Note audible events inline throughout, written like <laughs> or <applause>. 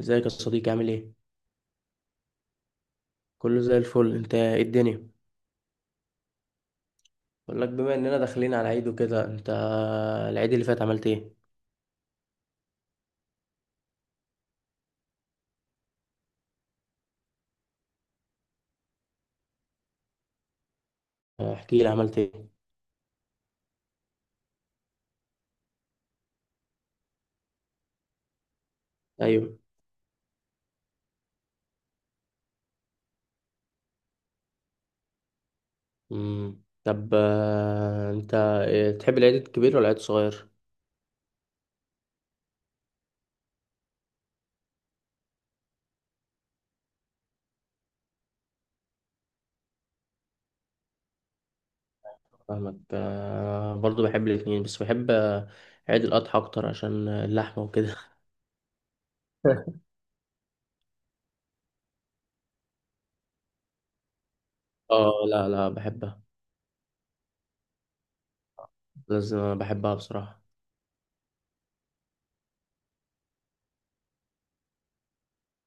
ازيك يا صديقي، عامل ايه؟ كله زي الفل. انت ايه الدنيا؟ بقول لك، بما اننا داخلين على عيد وكده، انت العيد اللي فات عملت ايه؟ احكي لي، عملت ايه؟ ايوه. طب انت إيه، تحب العيد الكبير ولا العيد الصغير؟ فاهمك. برضو بحب الاثنين، بس بحب عيد الاضحى اكتر عشان اللحمه وكده. <laughs> اه، لا لا بحبها. لازم بحبها بصراحه.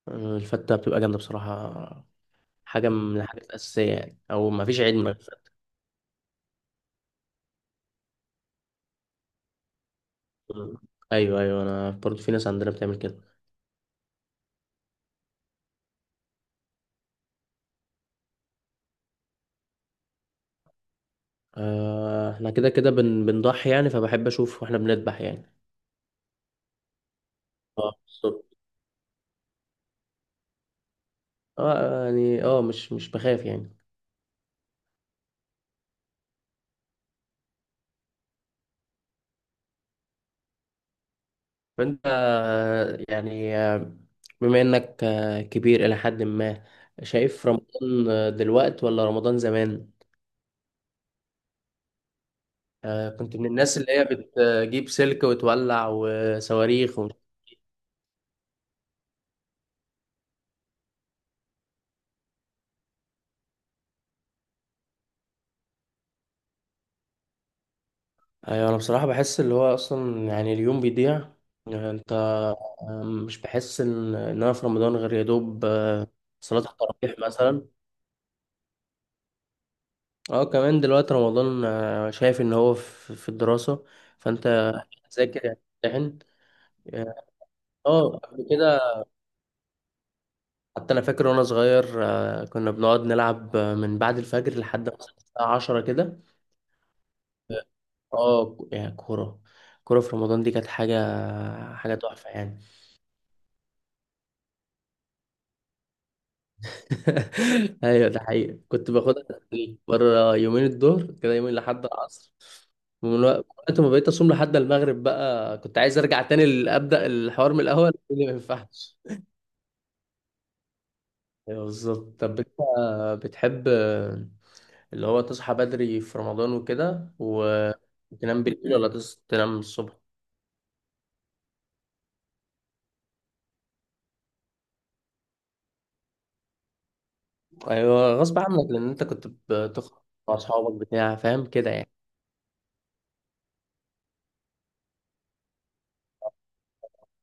الفته بتبقى جامده بصراحه، حاجه من الحاجات الاساسيه يعني، او ما فيش عيد. مم. ايوه ايوه، انا برضو في ناس عندنا بتعمل كده. آه احنا كده كده بنضحي يعني، فبحب اشوف واحنا بنذبح يعني. اه بالظبط. اه يعني، اه مش بخاف يعني. فانت، بما انك كبير الى حد ما، شايف رمضان دلوقت ولا رمضان زمان؟ آه كنت من الناس اللي هي بتجيب سلك وتولع وصواريخ. ايوه انا بصراحه بحس اللي هو اصلا يعني اليوم بيضيع. يعني انت، مش بحس ان انا في رمضان غير يا دوب صلاه التراويح مثلا. اه كمان دلوقتي رمضان، شايف ان هو في الدراسه، فانت تذاكر يعني تمتحن. اه، قبل كده حتى انا فاكر وانا صغير، كنا بنقعد نلعب من بعد الفجر لحد مثلا الساعه 10 كده. اه يعني كوره، كوره في رمضان دي كانت حاجه، حاجه تحفه يعني. <laughs> ايوه ده حقيقي، كنت باخدها تدريج بره، يومين الظهر كده، يومين لحد العصر. ومن وقت ما بقيت اصوم لحد المغرب بقى كنت عايز ارجع تاني، ابدا الحوار من الاول. <laughs> قلت لي ما ينفعش. ايوه بالظبط. طب انت بتحب اللي هو تصحى بدري في رمضان وكده وتنام بالليل، ولا تنام الصبح؟ ايوه غصب عنك لان انت كنت بتخرج مع اصحابك بتاع فاهم كده يعني.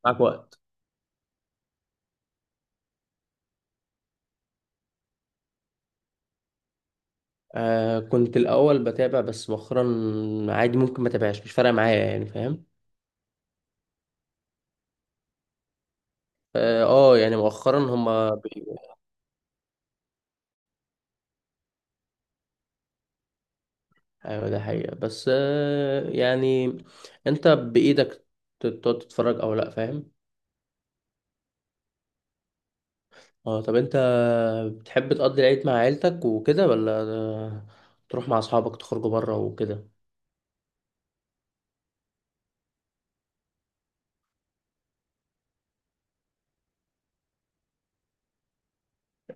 معاك وقت. آه كنت الأول بتابع، بس مؤخرا عادي، ممكن ما تابعش، مش فارقة معايا يعني، فاهم. اه يعني مؤخرا هما ايوه ده حقيقة، بس آه يعني انت بإيدك، تقعد تتفرج او لا، فاهم. اه. طب انت بتحب تقضي العيد مع عيلتك وكده، ولا تروح مع اصحابك تخرجوا بره وكده؟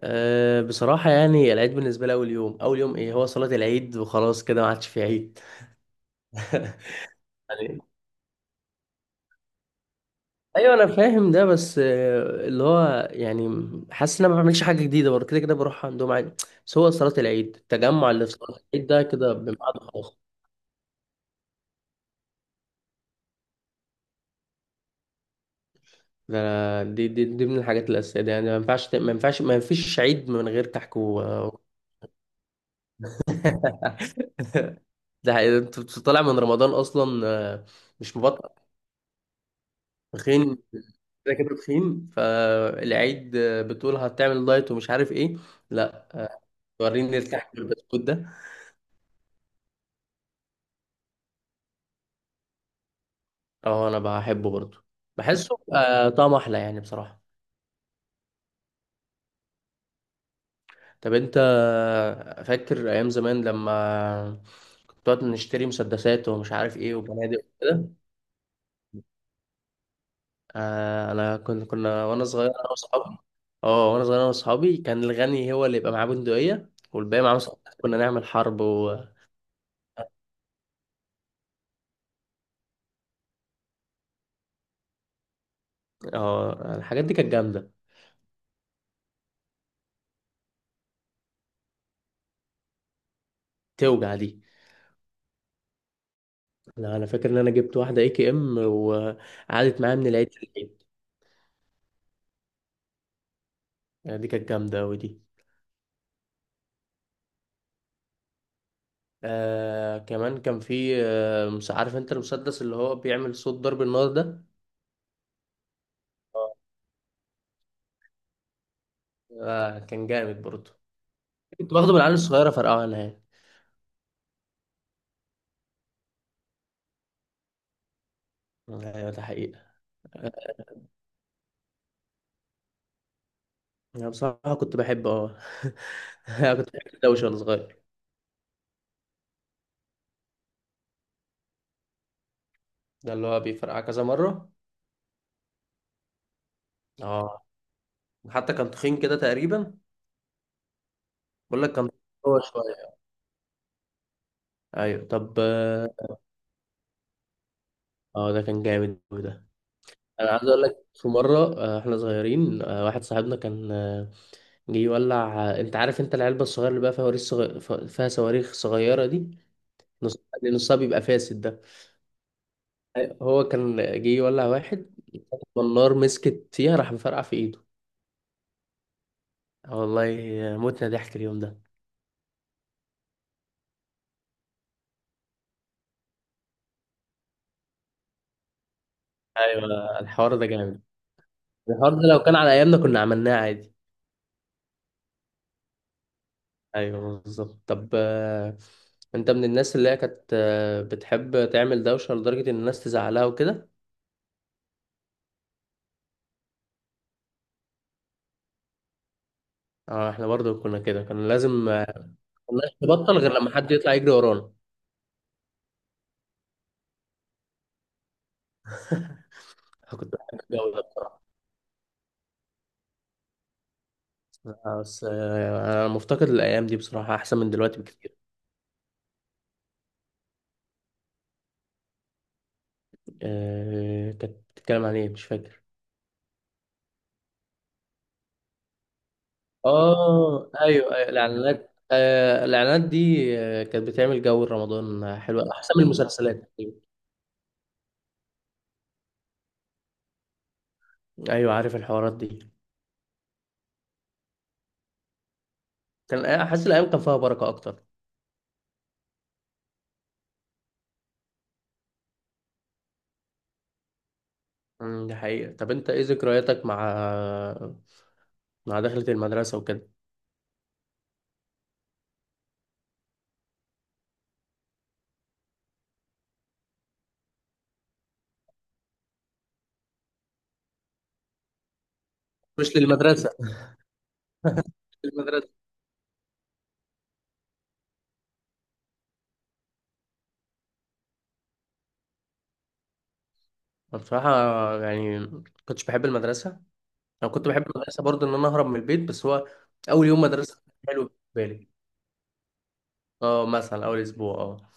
أه بصراحة يعني، العيد بالنسبة لي أول يوم، أول يوم إيه هو صلاة العيد، وخلاص كده ما عادش في عيد. <laughs> يعني ايوه انا فاهم ده، بس اللي هو يعني حاسس ان انا ما بعملش حاجه جديده، برضه كده كده بروح عندهم عادي. بس هو صلاه العيد، التجمع اللي في صلاه العيد ده كده بميعاد خاص. ده دي, دي من الحاجات الاساسيه دي يعني، ما ينفعش ما ينفعش، ما فيش عيد من غير كحك و... <laughs> ده حقيقي. انت طالع من رمضان اصلا مش مبطل. تخين، كده كده تخين، فالعيد بتقول هتعمل دايت ومش عارف ايه. لا وريني الكحك والبسكوت ده. اه انا بحبه برضه، بحسه آه طعمه احلى يعني بصراحه. طب انت فاكر ايام زمان لما كنت نقعد نشتري مسدسات ومش عارف ايه وبنادق وكده؟ آه انا كنا وانا صغير انا واصحابي. اه وانا صغير انا واصحابي، كان الغني هو اللي يبقى معاه بندقيه والباقي معاه مسدسات، كنا نعمل حرب. و اه الحاجات دي كانت جامده. توجع دي. لا انا فاكر ان انا جبت واحده اي كي ام وقعدت معايا من العيد للعيد. يعني دي كانت جامده، ودي آه كمان كان في آه، مش عارف انت المسدس اللي هو بيعمل صوت ضرب النار ده؟ آه. آه كان جامد برضه، كنت باخده من العيال الصغيرة فرقعه انا يعني. ايوه ده حقيقة. آه، انا بصراحة كنت بحب اه. <laughs> أنا كنت بحب الدوشة وانا صغير. ده اللي هو بيفرقع كذا مرة. اه حتى كان تخين كده تقريبا. بقول لك، كان هو شوية. ايوه. طب اه ده كان جامد أوي ده. انا عايز اقول لك، في مرة احنا صغيرين، واحد صاحبنا كان يولع. انت عارف انت العلبه الصغيره اللي بقى فيها فيها صواريخ صغيره دي، نص اللي نصها بيبقى فاسد ده. هو كان جه يولع واحد، والنار مسكت فيها راح مفرقع في ايده. اه والله، متنا ضحك اليوم ده. ايوه الحوار ده جامد. الحوار ده لو كان على ايامنا كنا عملناه عادي. ايوه بالظبط. طب انت من الناس اللي هي كانت بتحب تعمل دوشه لدرجه ان الناس تزعلها وكده؟ اه احنا برضه كنا كده، كان لازم ما كناش نبطل غير لما حد يطلع يجري ورانا. أنا كنت بحب الجو ده. لا، بس انا مفتقد الايام دي بصراحه، احسن من دلوقتي بكتير. كانت بتتكلم عن ايه؟ مش فاكر. اه ايوه ايوه، الاعلانات، الاعلانات دي كانت بتعمل جو رمضان حلو، احسن من المسلسلات. ايوه عارف الحوارات دي. كان احس الايام كان فيها بركه اكتر. دي حقيقه. طب انت ايه ذكرياتك مع مع دخلة المدرسه وكده؟ مش للمدرسه، مش للمدرسه. أنا بصراحه يعني كنتش بحب المدرسه. انا كنت بحب المدرسه برضو ان انا اهرب من البيت، بس هو اول يوم مدرسه كان حلو بالنسبه لي. اه مثلا اول اسبوع اه.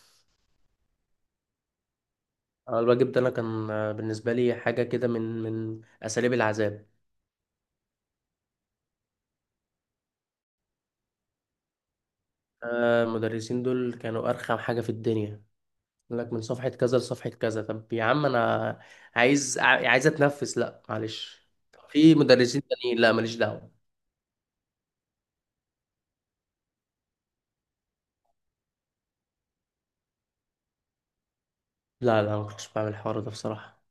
الواجب ده انا كان بالنسبه لي حاجه كده من اساليب العذاب. المدرسين دول كانوا ارخم حاجه في الدنيا. يقول لك من صفحه كذا لصفحه كذا، طب يا عم انا عايز عايز اتنفس، لا معلش. طب في مدرسين تانيين، لا ماليش دعوه. لا لا، ما كنتش بعمل الحوار ده بصراحه،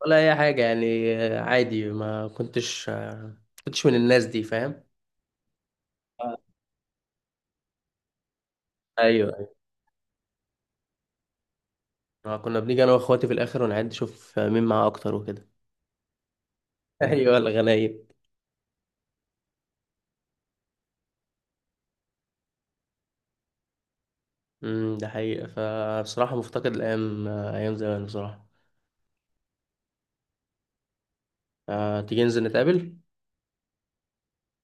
ولا اي حاجه يعني. عادي، ما كنتش كنتش من الناس دي، فاهم. آه، ايوه. كنا بنيجي انا واخواتي في الاخر ونعد نشوف مين معاه اكتر وكده. <laughs> ايوه الغنايب. ده حقيقة، فبصراحة مفتقد الايام ايام زمان بصراحة. تيجي ننزل نتقابل.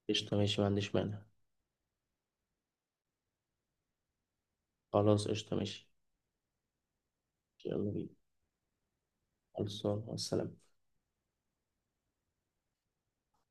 قشطة ماشي، ما عنديش مانع. خلاص قشطة ماشي. يلا بينا، خلصان، مع السلامة.